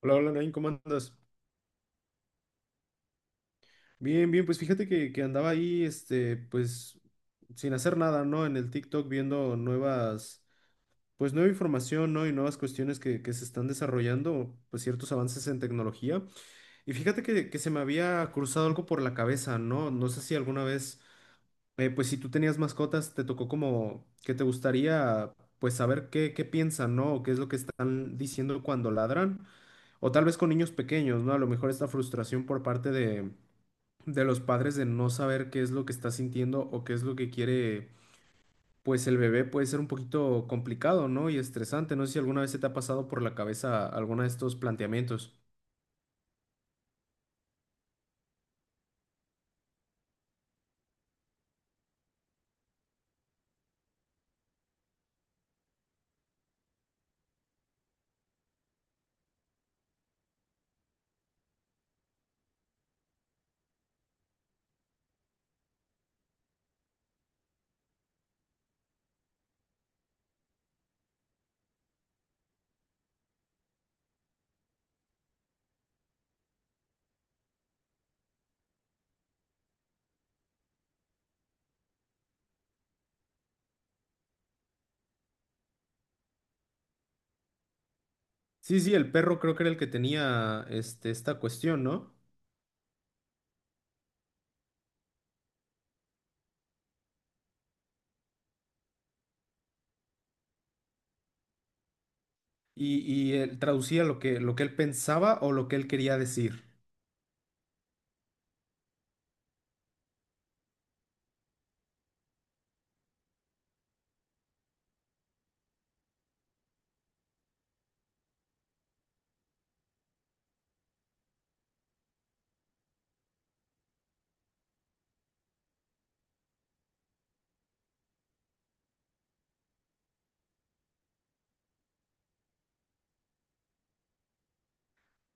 Hola, hola, Nain, ¿cómo andas? Bien, bien, pues fíjate que andaba ahí, pues, sin hacer nada, ¿no? En el TikTok viendo nuevas, pues, nueva información, ¿no? Y nuevas cuestiones que se están desarrollando, pues, ciertos avances en tecnología. Y fíjate que se me había cruzado algo por la cabeza, ¿no? No sé si alguna vez, pues, si tú tenías mascotas, te tocó como que te gustaría, pues, saber qué piensan, ¿no? O qué es lo que están diciendo cuando ladran. O tal vez con niños pequeños, ¿no? A lo mejor esta frustración por parte de los padres de no saber qué es lo que está sintiendo o qué es lo que quiere, pues el bebé puede ser un poquito complicado, ¿no? Y estresante. No sé si alguna vez se te ha pasado por la cabeza alguno de estos planteamientos. Sí, sí, el perro creo que era el que tenía esta cuestión, ¿no? Y él traducía lo lo que él pensaba o lo que él quería decir.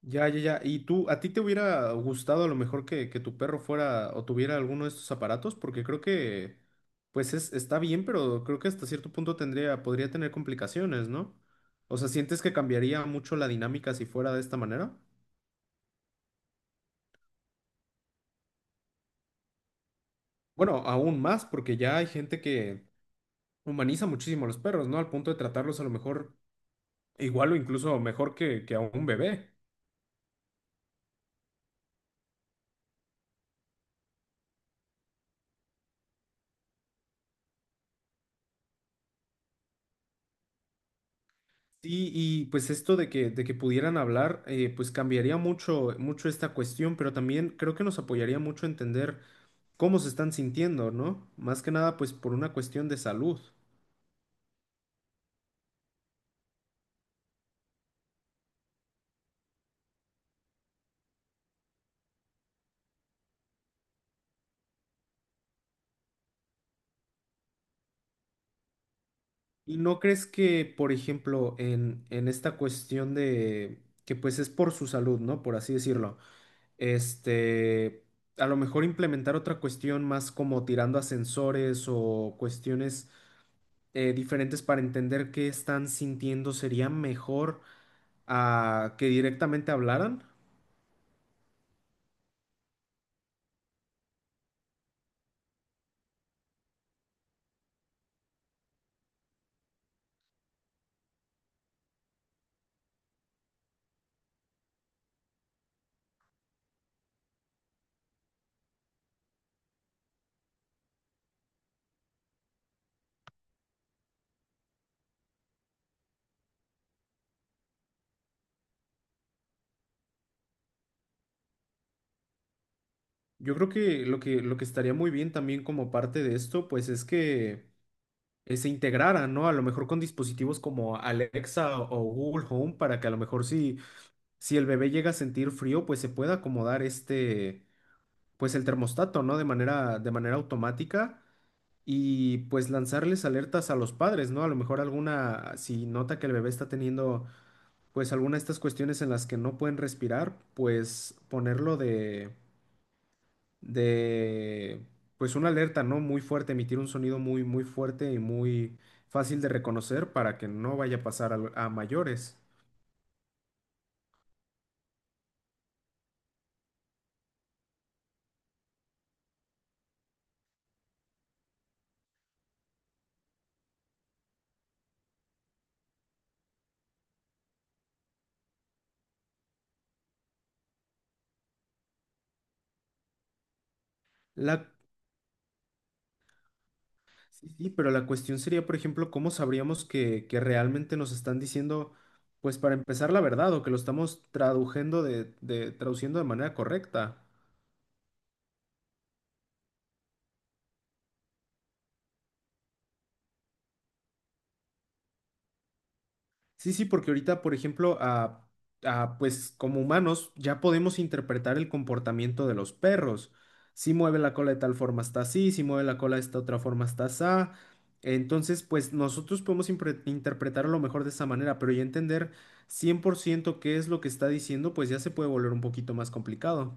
Ya, ya, ya. ¿Y tú, a ti te hubiera gustado a lo mejor que tu perro fuera o tuviera alguno de estos aparatos? Porque creo que, pues es, está bien, pero creo que hasta cierto punto tendría, podría tener complicaciones, ¿no? O sea, ¿sientes que cambiaría mucho la dinámica si fuera de esta manera? Bueno, aún más, porque ya hay gente que humaniza muchísimo a los perros, ¿no? Al punto de tratarlos a lo mejor igual o incluso mejor que a un bebé. Sí, y pues esto de que pudieran hablar, pues cambiaría mucho, mucho esta cuestión, pero también creo que nos apoyaría mucho entender cómo se están sintiendo, ¿no? Más que nada, pues por una cuestión de salud. ¿Y no crees que, por ejemplo, en esta cuestión de que pues es por su salud, ¿no? Por así decirlo, este, a lo mejor implementar otra cuestión más como tirando a sensores o cuestiones diferentes para entender qué están sintiendo, sería mejor a que directamente hablaran. Yo creo que lo lo que estaría muy bien también como parte de esto, pues es que se integraran, ¿no? A lo mejor con dispositivos como Alexa o Google Home para que a lo mejor si el bebé llega a sentir frío, pues se pueda acomodar este, pues el termostato, ¿no? De manera automática y pues lanzarles alertas a los padres, ¿no? A lo mejor alguna, si nota que el bebé está teniendo pues alguna de estas cuestiones en las que no pueden respirar, pues ponerlo de, pues una alerta, ¿no? Muy fuerte, emitir un sonido muy, muy fuerte y muy fácil de reconocer para que no vaya a pasar mayores. La, sí, sí, pero la cuestión sería, por ejemplo, ¿cómo sabríamos que realmente nos están diciendo, pues para empezar, la verdad o que lo estamos traduciendo traduciendo de manera correcta? Sí, sí, porque ahorita, por ejemplo, a, pues como humanos ya podemos interpretar el comportamiento de los perros. Si mueve la cola de tal forma está así, si mueve la cola de esta otra forma está así. Entonces, pues nosotros podemos interpretar a lo mejor de esa manera, pero ya entender 100% qué es lo que está diciendo, pues ya se puede volver un poquito más complicado.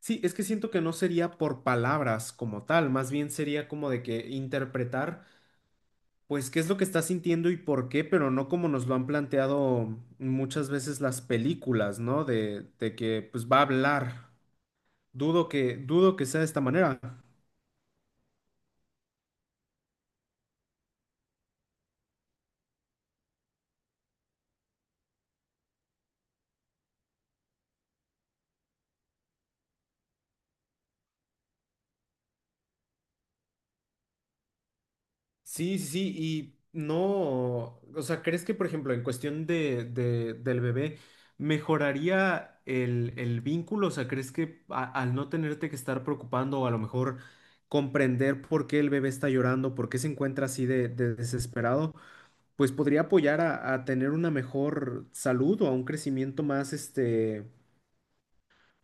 Sí, es que siento que no sería por palabras como tal, más bien sería como de que interpretar. Pues qué es lo que está sintiendo y por qué, pero no como nos lo han planteado muchas veces las películas, ¿no? De que pues va a hablar. Dudo que sea de esta manera. Sí, sí, sí, y no, o sea, ¿crees que, por ejemplo, en cuestión del bebé, mejoraría el vínculo? O sea, ¿crees que al no tenerte que estar preocupando o a lo mejor comprender por qué el bebé está llorando, por qué se encuentra así de desesperado? Pues podría apoyar a tener una mejor salud o a un crecimiento más, este,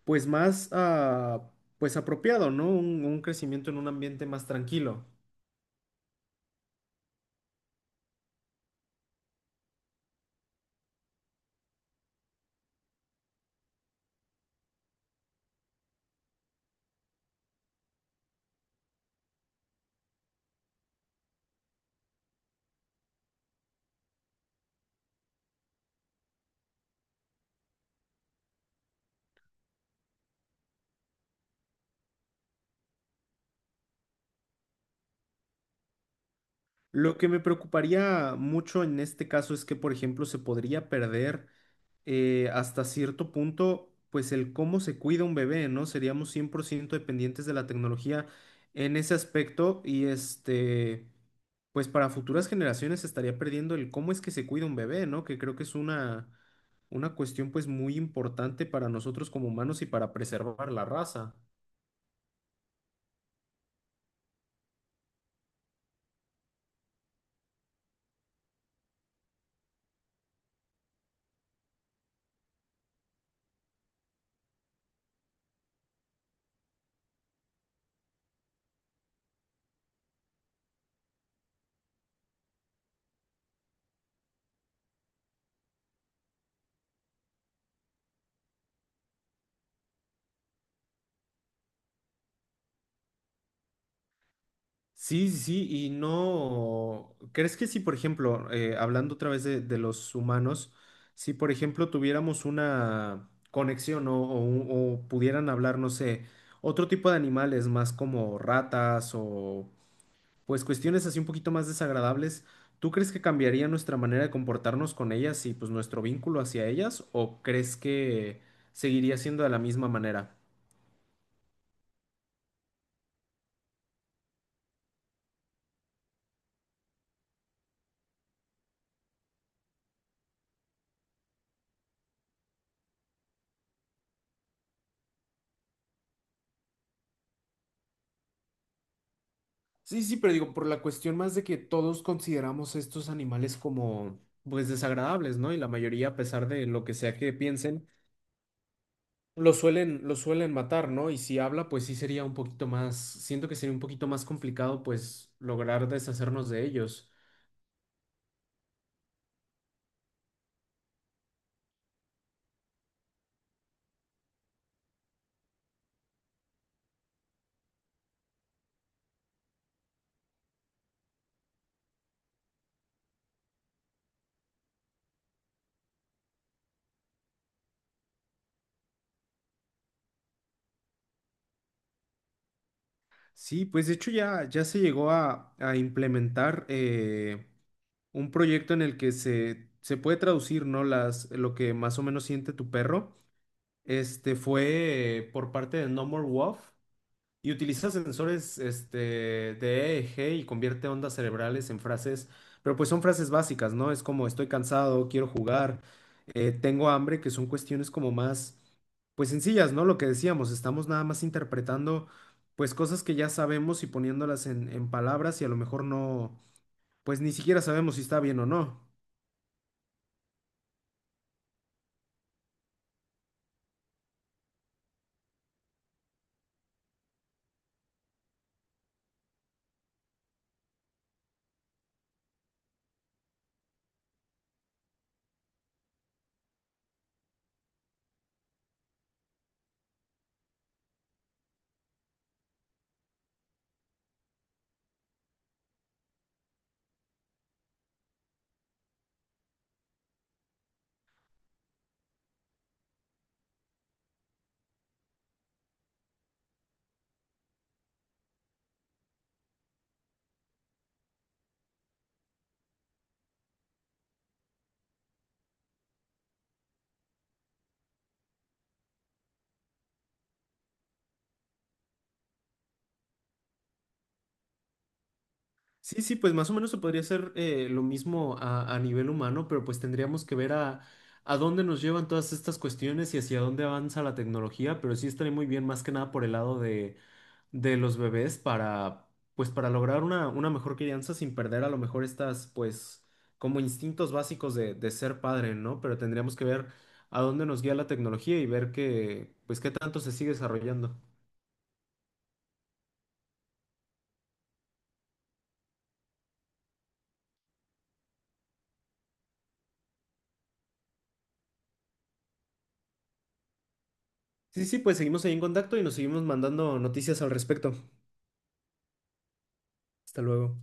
pues más, ah, pues apropiado, ¿no? Un crecimiento en un ambiente más tranquilo. Lo que me preocuparía mucho en este caso es que, por ejemplo, se podría perder hasta cierto punto, pues el cómo se cuida un bebé, ¿no? Seríamos 100% dependientes de la tecnología en ese aspecto y este... Pues para futuras generaciones estaría perdiendo el cómo es que se cuida un bebé, ¿no? Que creo que es una cuestión pues muy importante para nosotros como humanos y para preservar la raza. Sí, sí, sí, y no, ¿crees que si, por ejemplo, hablando otra vez de los humanos, si, por ejemplo, tuviéramos una conexión o pudieran hablar, no sé, otro tipo de animales más como ratas o pues cuestiones así un poquito más desagradables, ¿tú crees que cambiaría nuestra manera de comportarnos con ellas y pues nuestro vínculo hacia ellas o crees que seguiría siendo de la misma manera? Sí, sí, pero digo, por la cuestión más de que todos consideramos estos animales como, pues, desagradables, ¿no? Y la mayoría, a pesar de lo que sea que piensen, lo suelen matar, ¿no? Y si habla, pues sí sería un poquito más, siento que sería un poquito más complicado, pues, lograr deshacernos de ellos. Sí, pues de hecho ya se llegó a implementar un proyecto en el que se puede traducir, ¿no? Las, lo que más o menos siente tu perro. Este fue por parte de No More Wolf. Y utiliza sensores este, de EEG y convierte ondas cerebrales en frases, pero pues son frases básicas, ¿no? Es como estoy cansado, quiero jugar, tengo hambre, que son cuestiones como más, pues sencillas, ¿no? Lo que decíamos, estamos nada más interpretando pues cosas que ya sabemos y poniéndolas en palabras y a lo mejor no, pues ni siquiera sabemos si está bien o no. Sí, sí, pues más o menos se podría hacer lo mismo a nivel humano, pero pues tendríamos que ver a dónde nos llevan todas estas cuestiones y hacia dónde avanza la tecnología, pero sí estaría muy bien más que nada por el lado de los bebés para, pues para lograr una mejor crianza sin perder a lo mejor estas, pues como instintos básicos de ser padre, ¿no? Pero tendríamos que ver a dónde nos guía la tecnología y ver que, pues qué tanto se sigue desarrollando. Sí, sí, pues seguimos ahí en contacto y nos seguimos mandando noticias al respecto. Hasta luego.